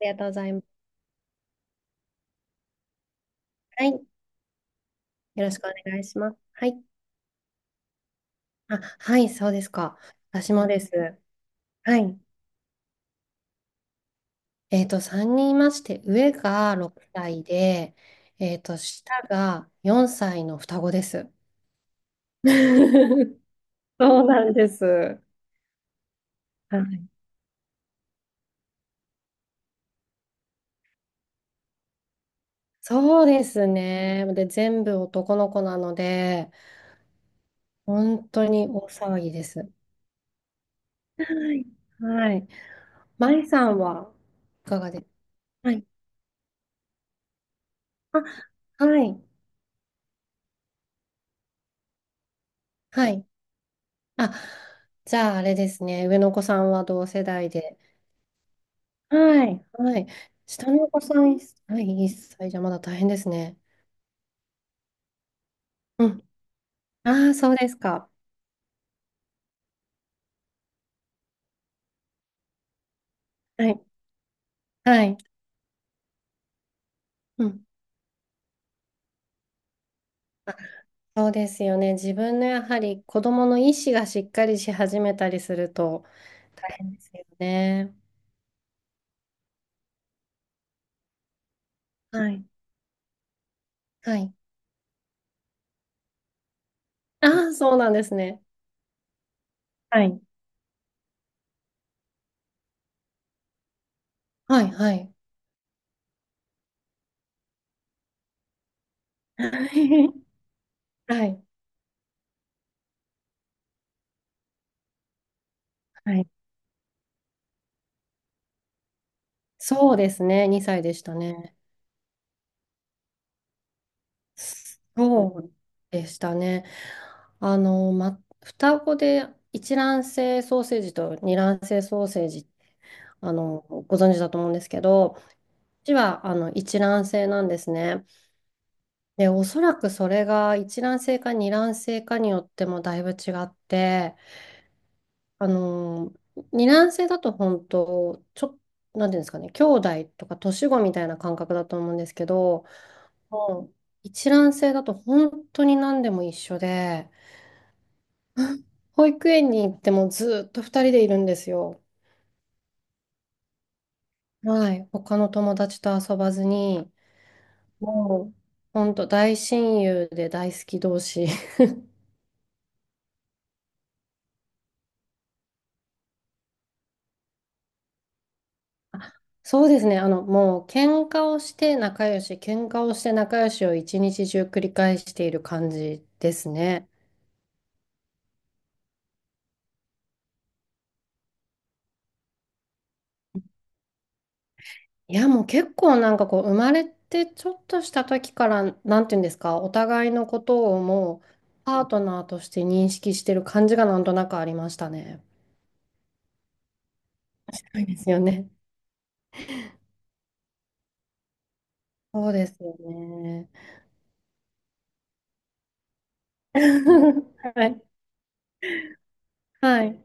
りがとうございます。はい。よろしくお願いします。はい。あ、はい、そうですか。私もです。はい。3人いまして、上が6歳で、下が4歳の双子です。そうなんです。はいそうですね。で、全部男の子なので、本当に大騒ぎです。はい。はい。舞さんはいかがですか？はい。あ、はい。はい。あ、じゃああれですね。上のお子さんは同世代で。はい。はい。下のお子さん、はい、1歳じゃまだ大変ですね。うん。ああ、そうですか。はい。はい。うん。そうですよね。自分のやはり子供の意思がしっかりし始めたりすると大変ですよね。はい。はい。ああ、そうなんですね。はい。はい。はい。はい。はい。そうですね。2歳でしたね。そうでしたね。あの、ま、双子で一卵性ソーセージと二卵性ソーセージ、あの、ご存知だと思うんですけど、うちはあの一卵性なんですね。で、おそらくそれが一卵性か二卵性かによってもだいぶ違って、あの、二卵性だと本当、なんていうんですかね、兄弟とか年子みたいな感覚だと思うんですけど、もう一卵性だと本当に何でも一緒で、保育園に行ってもずっと二人でいるんですよ。はい、他の友達と遊ばずに、もう、ほんと大親友で大好き同士。そうですね、あの、もう、喧嘩をして仲良し、喧嘩をして仲良しを一日中繰り返している感じですね。いや、もう結構なんかこう、生まれてちょっとした時から、なんていうんですか、お互いのことをもう、パートナーとして認識してる感じがなんとなくありましたね。そうですよね。そうですよね。はい。はい。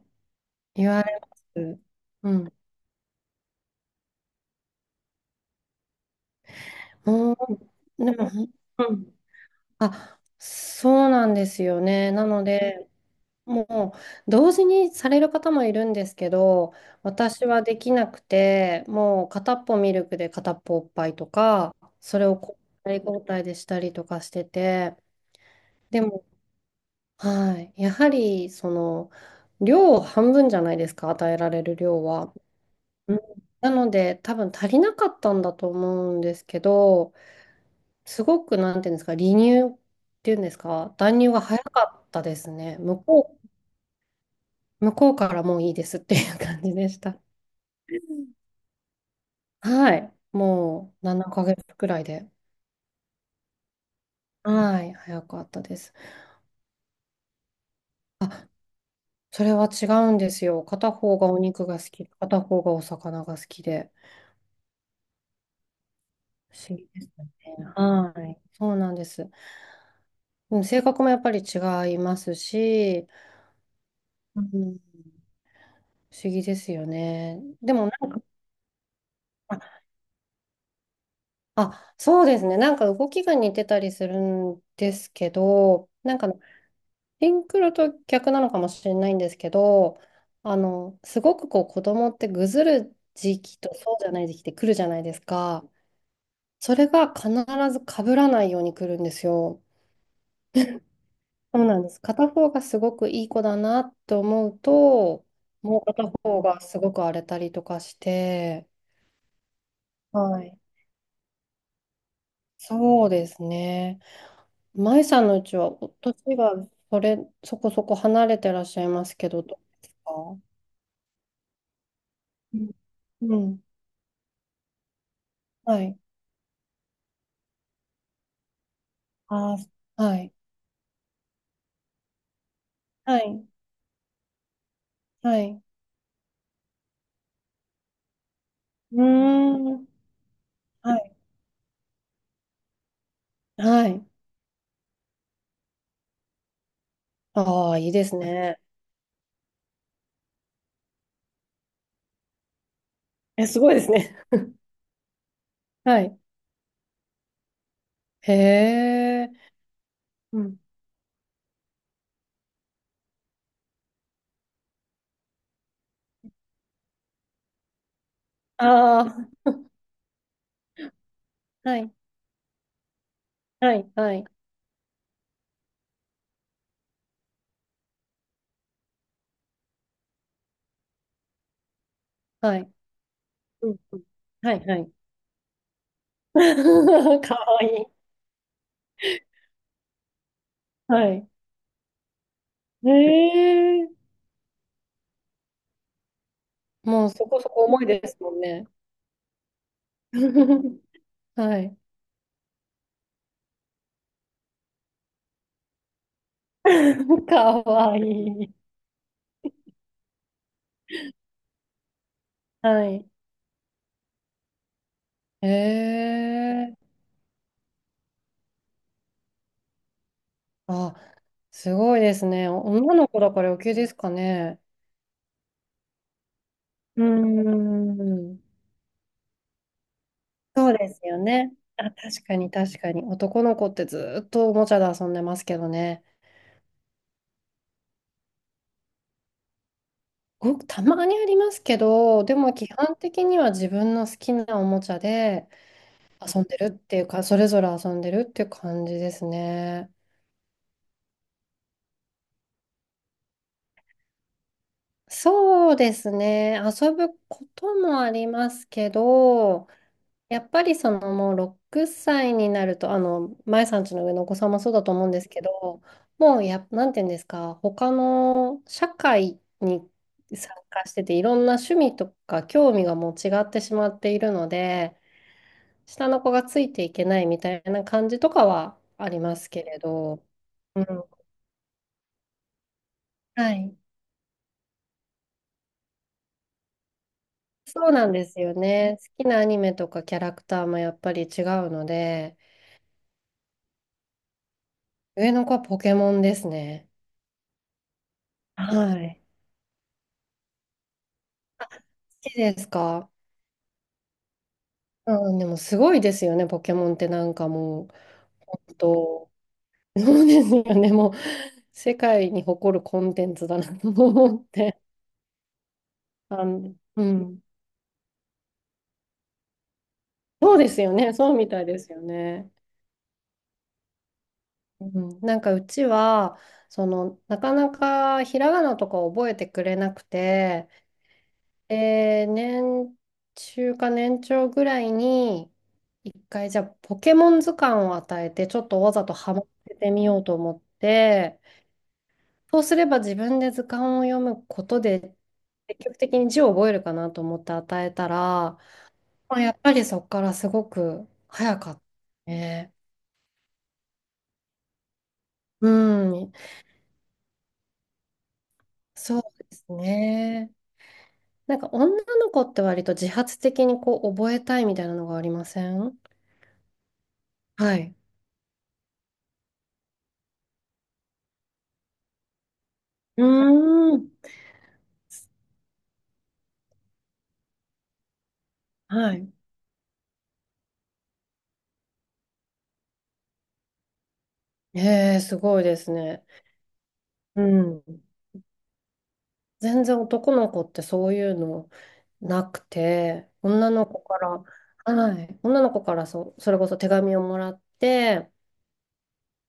言われます。うん。もう、でも、うん。あ、そうなんですよね。なので、もう、同時にされる方もいるんですけど、私はできなくて、もう片っぽミルクで片っぽおっぱいとか、それを交代交代でしたりとかしてて、でも、はい。やはり、その、量半分じゃないですか、与えられる量は。うんなので、多分足りなかったんだと思うんですけど、すごく、なんていうんですか、離乳っていうんですか、断乳が早かったですね。向こうからもういいですっていう感じでした。はい。もう7ヶ月くらいで。はい。早かったです。それは違うんですよ。片方がお肉が好き、片方がお魚が好きで。不思議ですね。はい。そうなんです。うん性格もやっぱり違いますし、うん、不思議ですよね。でもなんかあ、そうですね。なんか動きが似てたりするんですけど、なんかシンクロと逆なのかもしれないんですけど、あの、すごくこう子供ってぐずる時期とそうじゃない時期って来るじゃないですか。それが必ず被らないように来るんですよ。そうなんです。片方がすごくいい子だなと思うと、もう片方がすごく荒れたりとかして、はい。そうですね。舞さんのうちは、お年がそれ、そこそこ離れてらっしゃいますけど、どうですか？うんうん。はい。ああ、はい。はい。はい。うーん。はい。はい。ああ、いいですね。え、すごいですね。はい。へえ。うん。ああ、はい。はい。はい。はい。うん。うんはい。はい。かわいい。はい。へえ。もうそこそこ重いですもんね。はい。かわいい。はい。へえあ、すごいですね。女の子だから余計ですかね。うーん。そうですよね。あ、確かに確かに。男の子ってずっとおもちゃで遊んでますけどね。ごくたまにありますけど、でも基本的には自分の好きなおもちゃで遊んでるっていうか、それぞれ遊んでるっていう感じですね。そうですね。遊ぶこともありますけど、やっぱりそのもう6歳になると、あの、まえさんちの上のお子さんもそうだと思うんですけど、もうや、なんていうんですか、他の社会に参加してて、いろんな趣味とか興味がもう違ってしまっているので、下の子がついていけないみたいな感じとかはありますけれど、うん、はい。そうなんですよね。好きなアニメとかキャラクターもやっぱり違うので、上の子はポケモンですね。はい。好きですか？うん、でもすごいですよね、ポケモンってなんかもう、本当、そうですよね、もう、世界に誇るコンテンツだなと思って。あの、うん。そうですよね、そうみたいですよね。うん、なんかうちは、その、なかなかひらがなとか覚えてくれなくて、年中か年長ぐらいに、一回じゃあポケモン図鑑を与えて、ちょっとわざとハマっててみようと思って、そうすれば自分で図鑑を読むことで、積極的に字を覚えるかなと思って与えたら、まあ、やっぱりそこからすごく早かったね。うん、そうですね。なんか女の子って割と自発的にこう覚えたいみたいなのがありません？はい。うーん。はい。へえ、すごいですね。うん。全然男の子ってそういうのなくて、女の子から、はい、女の子からそれこそ手紙をもらって、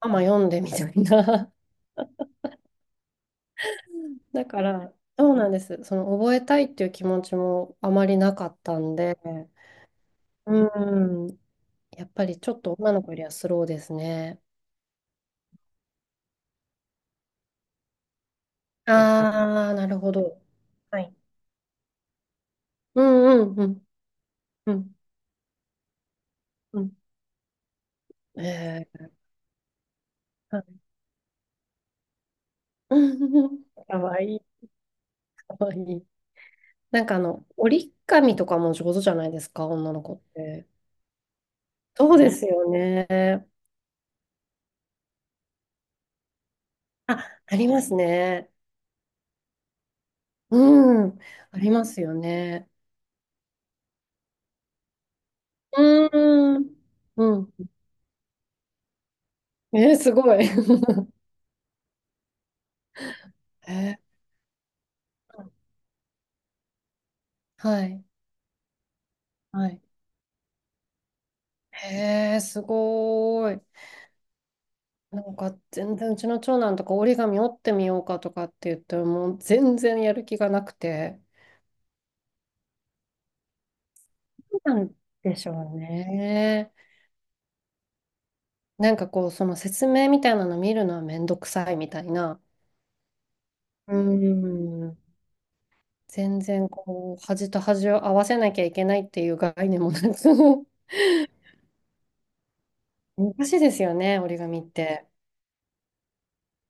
ママ読んでみたいな。だから、そうなんです。その覚えたいっていう気持ちもあまりなかったんで、うん、やっぱりちょっと女の子よりはスローですね。ああ、なるほど。はい。うんうんうんうんうん。ええ かわいい、かわいい。なんかあの、折り紙とかも上手じゃないですか、女の子って。そうですよね。あ、ありますね。うん、ありますよね。うーん、うん。えー、すごい。えー、はい、はい。へえ、すごーい。なんか全然うちの長男とか折り紙折ってみようかとかって言ってもう全然やる気がなくて。なんでしょうね。なんかこう、その説明みたいなの見るのはめんどくさいみたいな。うーん。全然こう、端と